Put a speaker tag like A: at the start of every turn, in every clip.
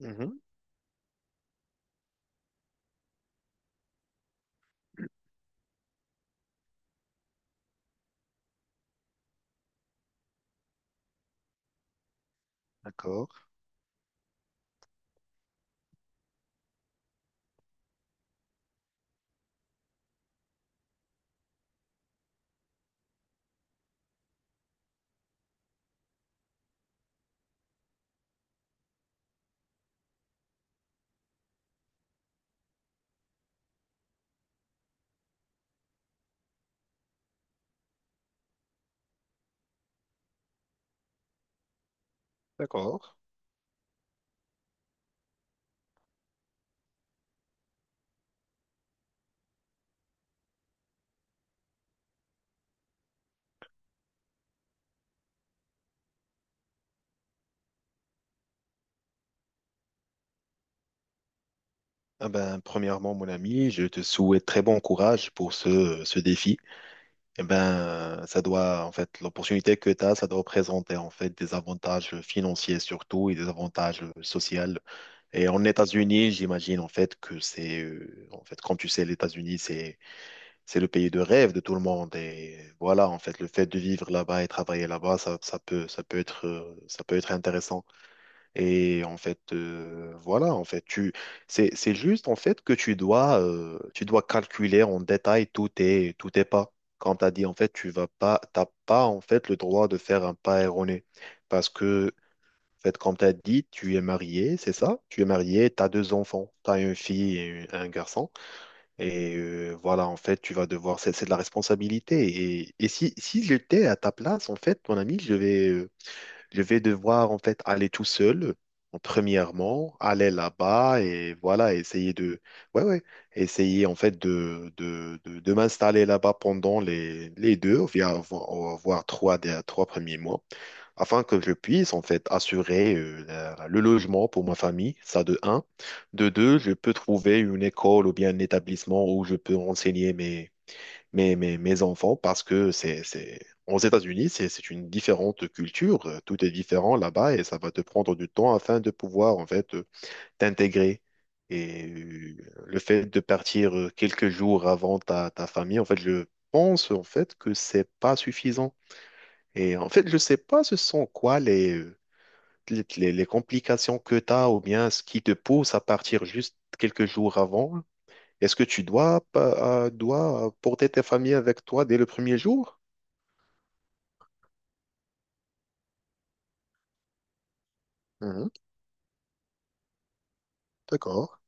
A: Mhm, d'accord, d'accord. Ah ben, premièrement, mon ami, je te souhaite très bon courage pour ce, ce défi. Eh ben, ça doit, en fait, l'opportunité que tu as, ça doit représenter, en fait, des avantages financiers surtout et des avantages sociaux. Et en États-Unis, j'imagine, en fait, que c'est, en fait, comme tu sais, les États-Unis, c'est le pays de rêve de tout le monde. Et voilà, en fait, le fait de vivre là-bas et travailler là-bas, ça, ça peut être intéressant. Et en fait, voilà, en fait, tu, c'est juste en fait que tu dois calculer en détail tous tes pas. Comme tu as dit, en fait, tu vas pas, t'as pas en fait le droit de faire un pas erroné. Parce que, en fait, comme tu as dit, tu es marié, c'est ça? Tu es marié, tu as deux enfants, tu as une fille et un garçon. Et voilà, en fait, tu vas devoir, c'est de la responsabilité. Et si, si j'étais à ta place, en fait, mon ami, je vais. Je vais devoir en fait aller tout seul, en premièrement, aller là-bas et voilà, essayer de, ouais, ouais, essayer en fait de m'installer là-bas pendant les deux, voire trois, trois premiers mois, afin que je puisse en fait assurer le logement pour ma famille, ça de un. De deux, je peux trouver une école ou bien un établissement où je peux enseigner mes, mes, mes enfants parce que c'est... aux États-Unis, c'est une différente culture. Tout est différent là-bas et ça va te prendre du temps afin de pouvoir en fait t'intégrer. Et le fait de partir quelques jours avant ta, ta famille, en fait, je pense en fait que c'est pas suffisant. Et en fait, je sais pas ce sont quoi les, les complications que tu as ou bien ce qui te pousse à partir juste quelques jours avant. Est-ce que tu dois, dois porter ta famille avec toi dès le premier jour? Mhm, d'accord.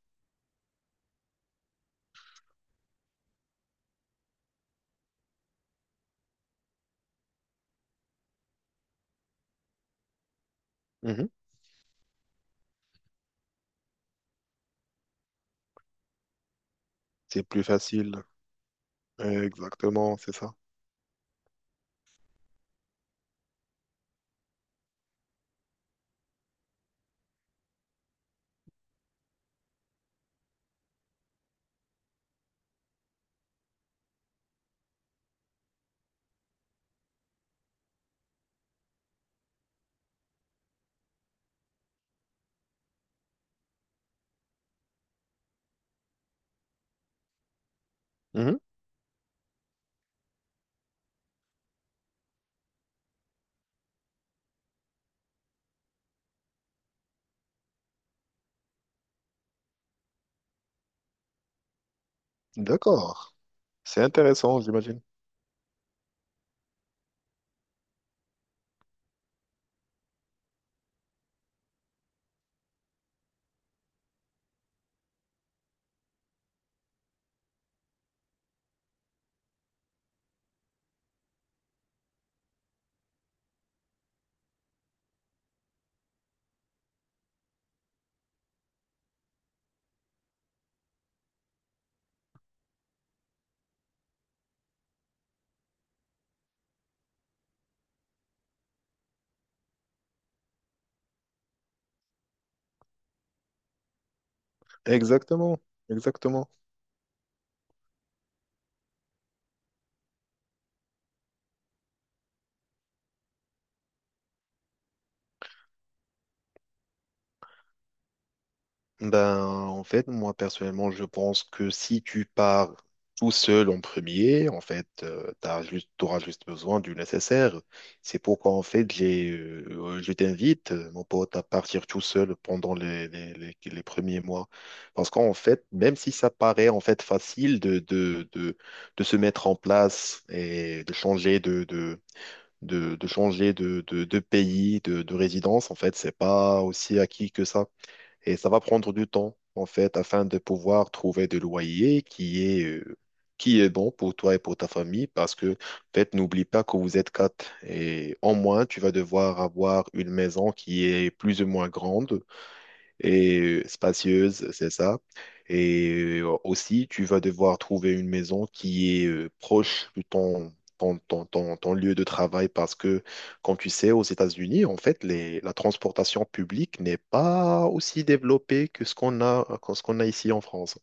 A: Mhm. C'est plus facile. Exactement, c'est ça. Mhm, d'accord. C'est intéressant, j'imagine. Exactement, exactement. Ben, en fait, moi personnellement, je pense que si tu pars tout seul en premier, en fait, t'as juste, t'auras juste besoin du nécessaire. C'est pourquoi, en fait, j'ai, je t'invite, mon pote, à partir tout seul pendant les premiers mois. Parce qu'en fait, même si ça paraît, en fait, facile de se mettre en place et de changer de changer de pays, de résidence, en fait, c'est pas aussi acquis que ça. Et ça va prendre du temps, en fait, afin de pouvoir trouver de loyer qui est bon pour toi et pour ta famille, parce que, en fait, n'oublie pas que vous êtes quatre. Et en moins, tu vas devoir avoir une maison qui est plus ou moins grande et spacieuse, c'est ça. Et aussi, tu vas devoir trouver une maison qui est proche de ton, ton, ton, ton, ton lieu de travail parce que, comme tu sais, aux États-Unis, en fait, les, la transportation publique n'est pas aussi développée que ce qu'on a, que ce qu'on a ici en France.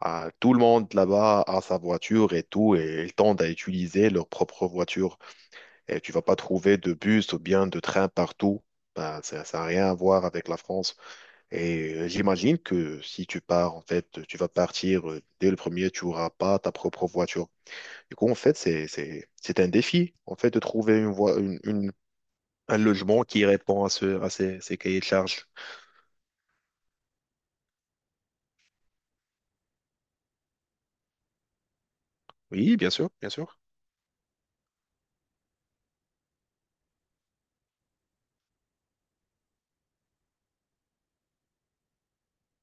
A: Ah, tout le monde là-bas a sa voiture et tout, et ils tendent à utiliser leur propre voiture. Et tu vas pas trouver de bus ou bien de train partout. Ben, ça n'a rien à voir avec la France. Et j'imagine que si tu pars, en fait, tu vas partir dès le premier, tu n'auras pas ta propre voiture. Du coup, en fait, c'est un défi, en fait, de trouver une une, un logement qui répond à, ce, à ces, ces cahiers de charges. Oui, bien sûr, bien sûr.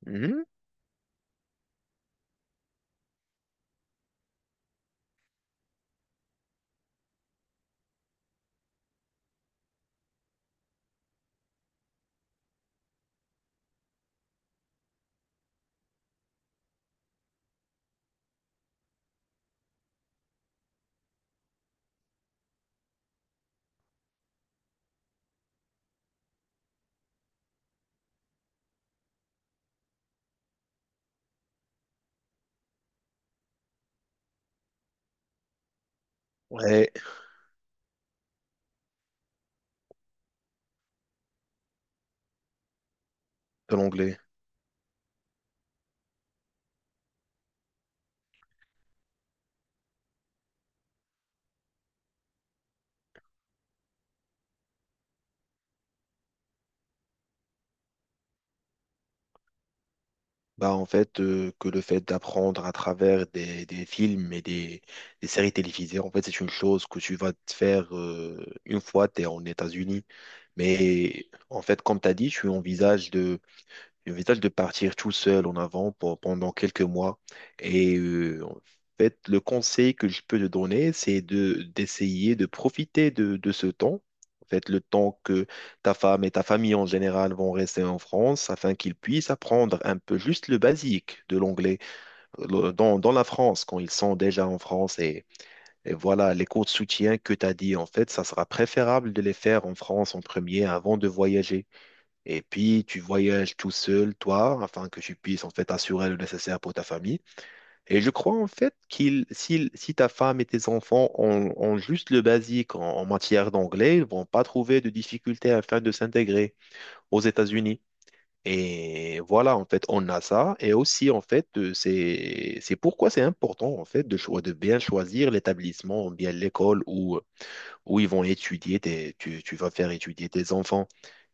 A: Mhm. Ouais, de l'anglais. Bah, en fait, que le fait d'apprendre à travers des films et des séries télévisées, en fait, c'est une chose que tu vas te faire une fois tu es en États-Unis. Mais en fait, comme tu as dit, tu envisages de J'envisage de partir tout seul en avant pendant quelques mois. Et en fait, le conseil que je peux te donner, c'est de d'essayer de profiter de ce temps. En fait, le temps que ta femme et ta famille en général vont rester en France afin qu'ils puissent apprendre un peu juste le basique de l'anglais dans, dans la France quand ils sont déjà en France. Et voilà, les cours de soutien que tu as dit, en fait, ça sera préférable de les faire en France en premier avant de voyager. Et puis, tu voyages tout seul, toi, afin que tu puisses en fait assurer le nécessaire pour ta famille. Et je crois en fait qu'il, si, si ta femme et tes enfants ont, ont juste le basique en, en matière d'anglais, ils vont pas trouver de difficultés afin de s'intégrer aux États-Unis. Et voilà, en fait, on a ça. Et aussi, en fait, c'est pourquoi c'est important, en fait, de, de bien choisir l'établissement, bien l'école ou où ils vont étudier des, tu vas faire étudier des enfants.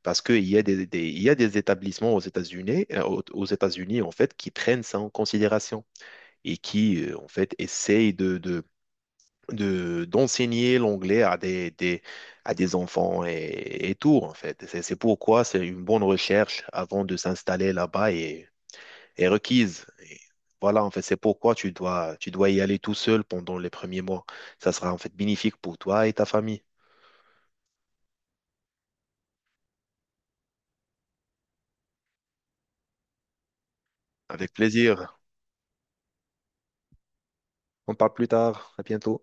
A: Parce qu'il y a des, il y a des établissements aux États-Unis, aux aux États-Unis, en fait, qui prennent ça en considération et qui, en fait, essayent de, d'enseigner l'anglais à des, à des enfants et tout, en fait. C'est pourquoi c'est une bonne recherche avant de s'installer là-bas et, est requise. Et voilà, en fait, c'est pourquoi tu dois y aller tout seul pendant les premiers mois. Ça sera, en fait, bénéfique pour toi et ta famille. Avec plaisir. On parle plus tard. À bientôt.